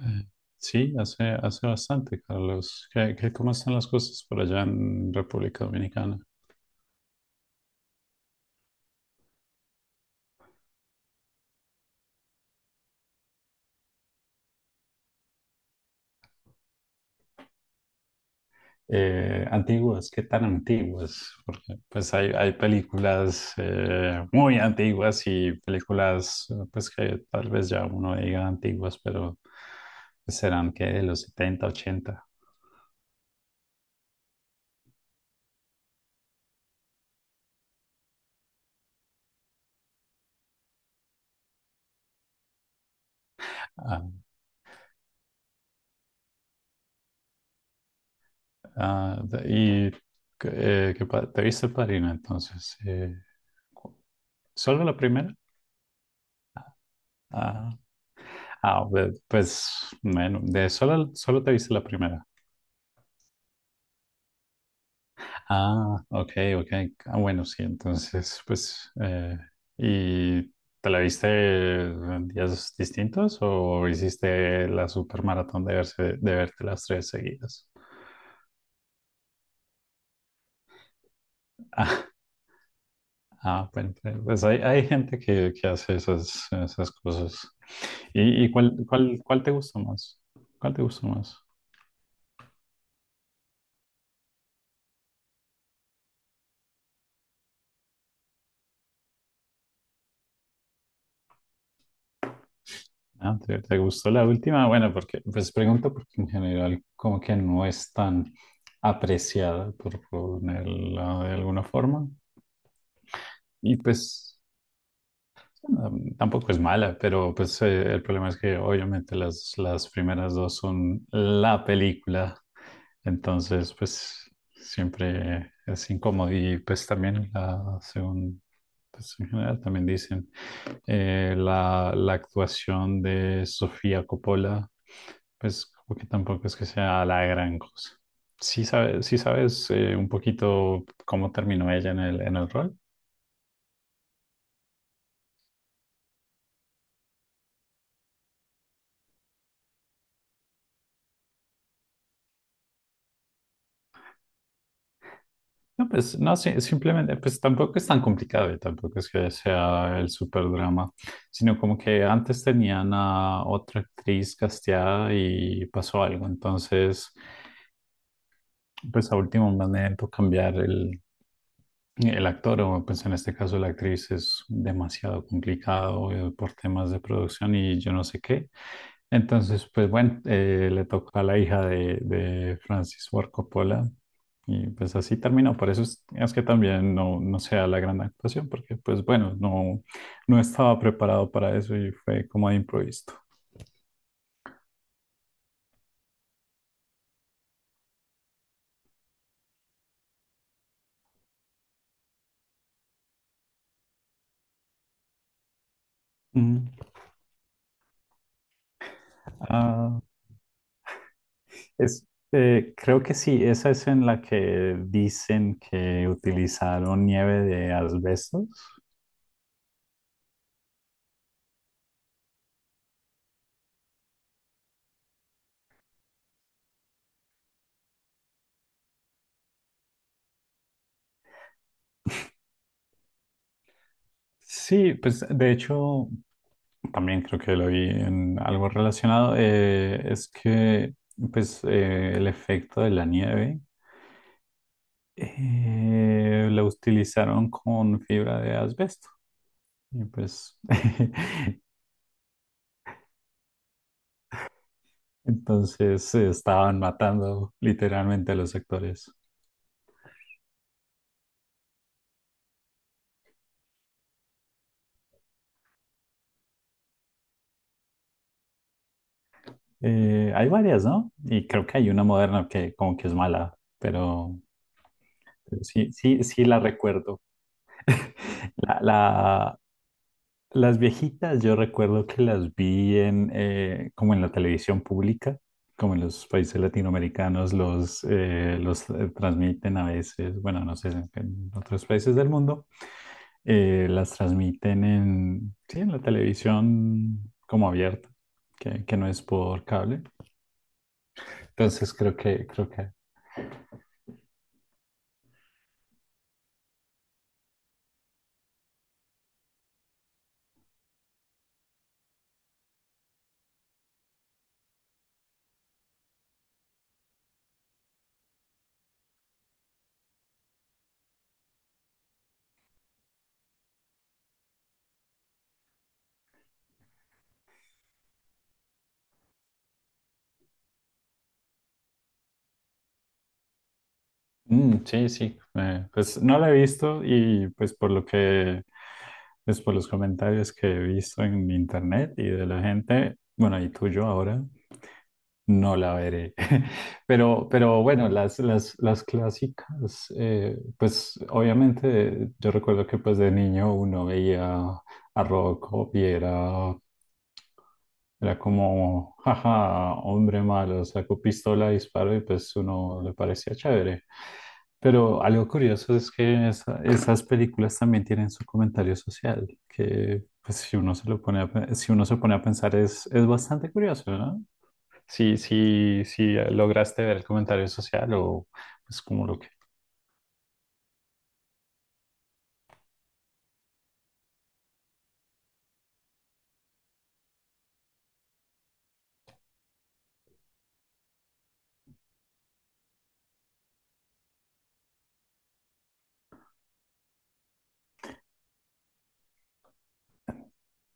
Eh, Sí, hace bastante, Carlos. ¿ Cómo están las cosas por allá en República Dominicana? Antiguas, ¿qué tan antiguas? Porque pues hay películas muy antiguas y películas pues que tal vez ya uno diga antiguas, pero pues, serán que de los 70 80. Ah, ah, de- y te viste el Padrino entonces? ¿Solo la primera? Ah, ah, be- pues, solo te viste la primera. Ah, ok, ok. Ah, bueno, sí, entonces, pues, eh, ¿y te la viste en días distintos o hiciste la supermaratón de verte las tres seguidas? Ah, ah, bueno, pues hay gente que hace esas cosas. ¿Y cuál te gustó más? ¿Cuál te gustó más? ¿Te gustó la última? Bueno, porque, pues pregunto porque en general como que no es tan apreciada, por ponerla de alguna forma. Y pues tampoco es mala, pero pues el problema es que obviamente las primeras dos son la película. Entonces, pues siempre es incómodo. Y pues también la segunda pues en general también dicen la actuación de Sofía Coppola, pues como que tampoco es que sea la gran cosa. Sí sabes un poquito cómo terminó ella en el rol. No, pues no, sí, simplemente, pues tampoco es tan complicado y tampoco es que sea el super drama, sino como que antes tenían a otra actriz casteada y pasó algo, entonces pues a último momento cambiar el actor, o pues en este caso la actriz, es demasiado complicado por temas de producción y yo no sé qué. Entonces, pues bueno, le tocó a la hija de Francis Ford Coppola y pues así terminó. Por eso es que también no, no sea la gran actuación, porque pues bueno, no, no estaba preparado para eso y fue como de improviso. Mm. Ah, es, Creo que sí, esa es en la que dicen que utilizaron nieve de asbestos. Sí, pues de hecho también creo que lo vi en algo relacionado, es que pues el efecto de la nieve la utilizaron con fibra de asbesto y pues entonces estaban matando literalmente a los actores. Hay varias, ¿no? Y creo que hay una moderna que como que es mala, pero sí, sí, sí la recuerdo. La, la- Las viejitas, yo recuerdo que las vi en, como en la televisión pública, como en los países latinoamericanos los transmiten a veces, bueno, no sé, en otros países del mundo, las transmiten en, sí, en la televisión como abierta, que no es por cable. Entonces creo que, mm, sí. Pues no la he visto y pues por lo que, pues por los comentarios que he visto en internet y de la gente, bueno, y tuyo ahora, no la veré. Pero bueno, las clásicas, pues obviamente yo recuerdo que pues de niño uno veía a Rocco y era como, jaja, hombre malo, sacó pistola, disparó y pues uno le parecía chévere. Pero algo curioso es que esas películas también tienen su comentario social, que pues si uno se lo pone a, si uno se pone a pensar es bastante curioso, ¿no? Si lograste ver el comentario social o pues como lo que.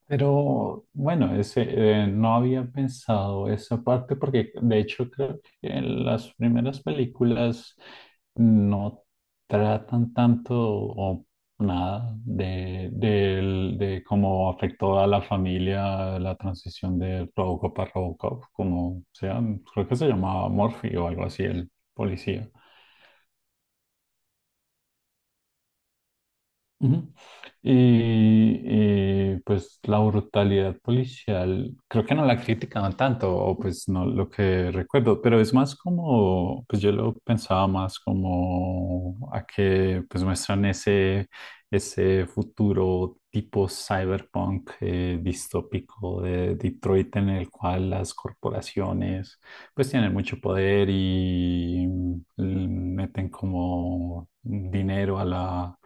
Pero bueno, ese, no había pensado esa parte porque de hecho creo que en las primeras películas no tratan tanto o nada de cómo afectó a la familia la transición de Robocop a Robocop, como sea, creo que se llamaba Murphy o algo así el policía. Ujú. Y pues la brutalidad policial, creo que no la criticaban tanto, o pues no lo que recuerdo, pero es más como, pues yo lo pensaba más como a que pues muestran ese futuro tipo cyberpunk distópico de Detroit en el cual las corporaciones pues tienen mucho poder y meten como dinero a la,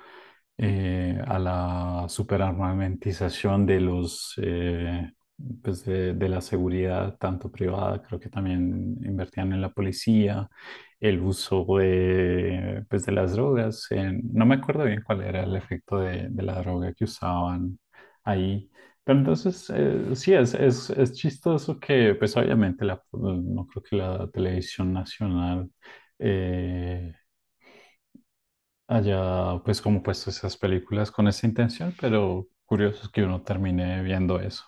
eh, a la superarmamentización de de la seguridad, tanto privada, creo que también invertían en la policía, el uso de, pues de las drogas, no me acuerdo bien cuál era el efecto de la droga que usaban ahí, pero entonces, sí, es chistoso que, pues obviamente, no creo que la televisión nacional eh, haya, pues, como puesto esas películas con esa intención, pero curioso es que uno termine viendo eso.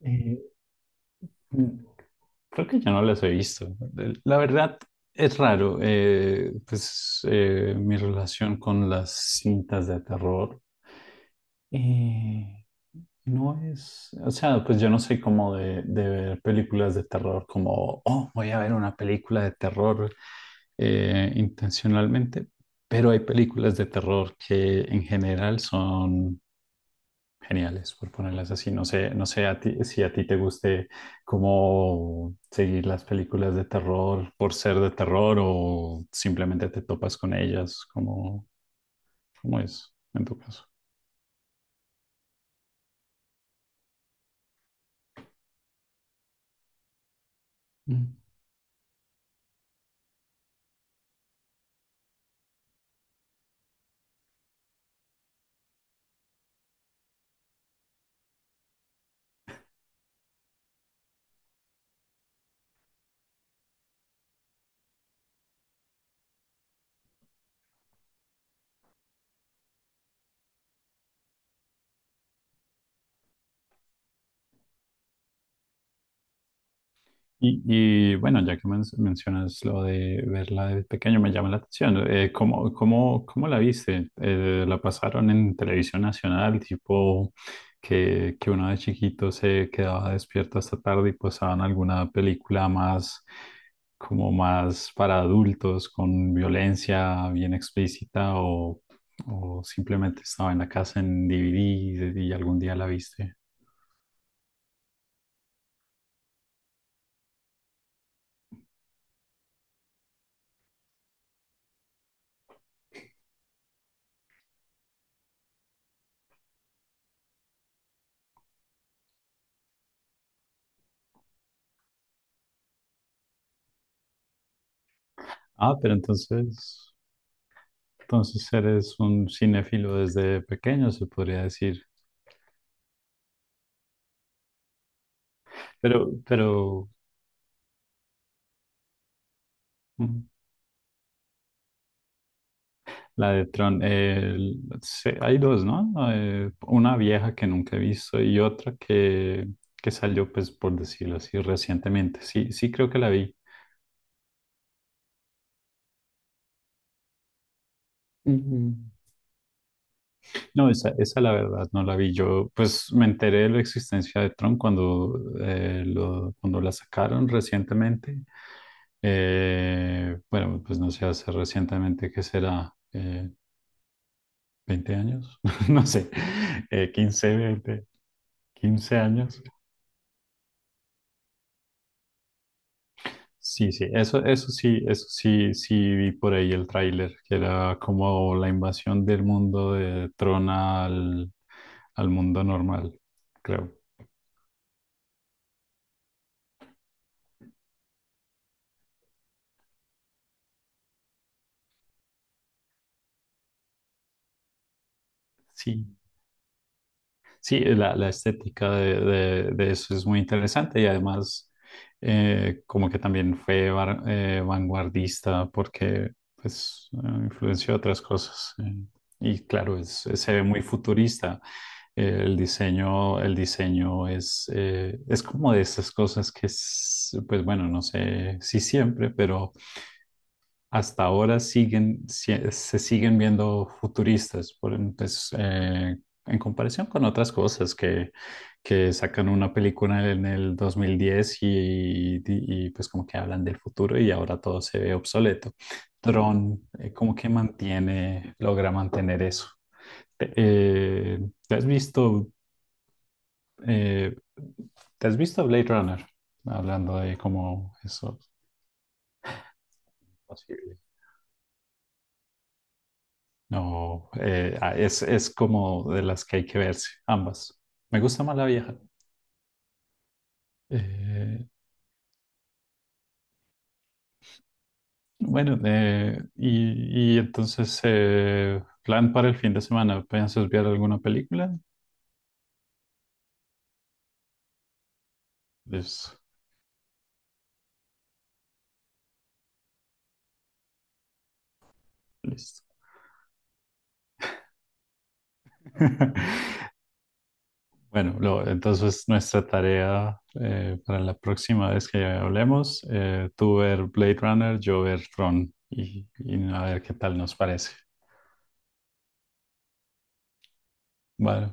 Eh, mm, Creo que yo no las he visto. La verdad es raro. Pues mi relación con las cintas de terror eh, no es. O sea, pues yo no soy como de ver películas de terror, como, oh, voy a ver una película de terror intencionalmente. Pero hay películas de terror que en general son. Geniales, por ponerlas así. No sé, no sé a ti, si a ti te guste cómo seguir las películas de terror por ser de terror o simplemente te topas con ellas, como, cómo es en tu caso. Mm. Y, bueno, ya que mencionas lo de verla de pequeño, me llama la atención. ¿Cómo la viste? ¿La pasaron en televisión nacional, tipo que uno de chiquito se quedaba despierto hasta tarde y pasaban alguna película más, como más para adultos, con violencia bien explícita, o simplemente estaba en la casa en DVD y algún día la viste? Ah, pero entonces... Entonces eres un cinéfilo desde pequeño, se podría decir. Pero, pero mm, la de Tron, hay dos, ¿no? Una vieja que nunca he visto y otra que salió, pues, por decirlo así, recientemente. Sí, sí creo que la vi. No, esa la verdad no la vi. Yo pues me enteré de la existencia de Tron cuando, cuando la sacaron recientemente. Bueno, pues no sé, hace recientemente, ¿qué será? ¿20 años? No sé, 15, 20, 15 años. Sí, sí, eso, eso sí, sí vi por ahí el tráiler, que era como la invasión del mundo de Tron al mundo normal, creo. Sí. Sí, la estética de eso es muy interesante y además como que también fue vanguardista porque pues influenció otras cosas y claro, se ve muy futurista. El diseño es como de esas cosas que es, pues bueno, no sé si siempre, pero hasta ahora se siguen viendo futuristas por, pues, en comparación con otras cosas que sacan una película en el 2010 y pues como que hablan del futuro y ahora todo se ve obsoleto. Tron, como que logra mantener eso. Te- ¿te has visto, eh, ¿Te has visto Blade Runner? Hablando de cómo eso es posible. No, es como de las que hay que verse, ambas. Me gusta más la vieja. Eh, bueno, entonces, plan para el fin de semana, ¿piensas ver alguna película? Listo, listo. Bueno, entonces nuestra tarea para la próxima vez que hablemos, tú ver Blade Runner, yo ver Tron y a ver qué tal nos parece. Vale.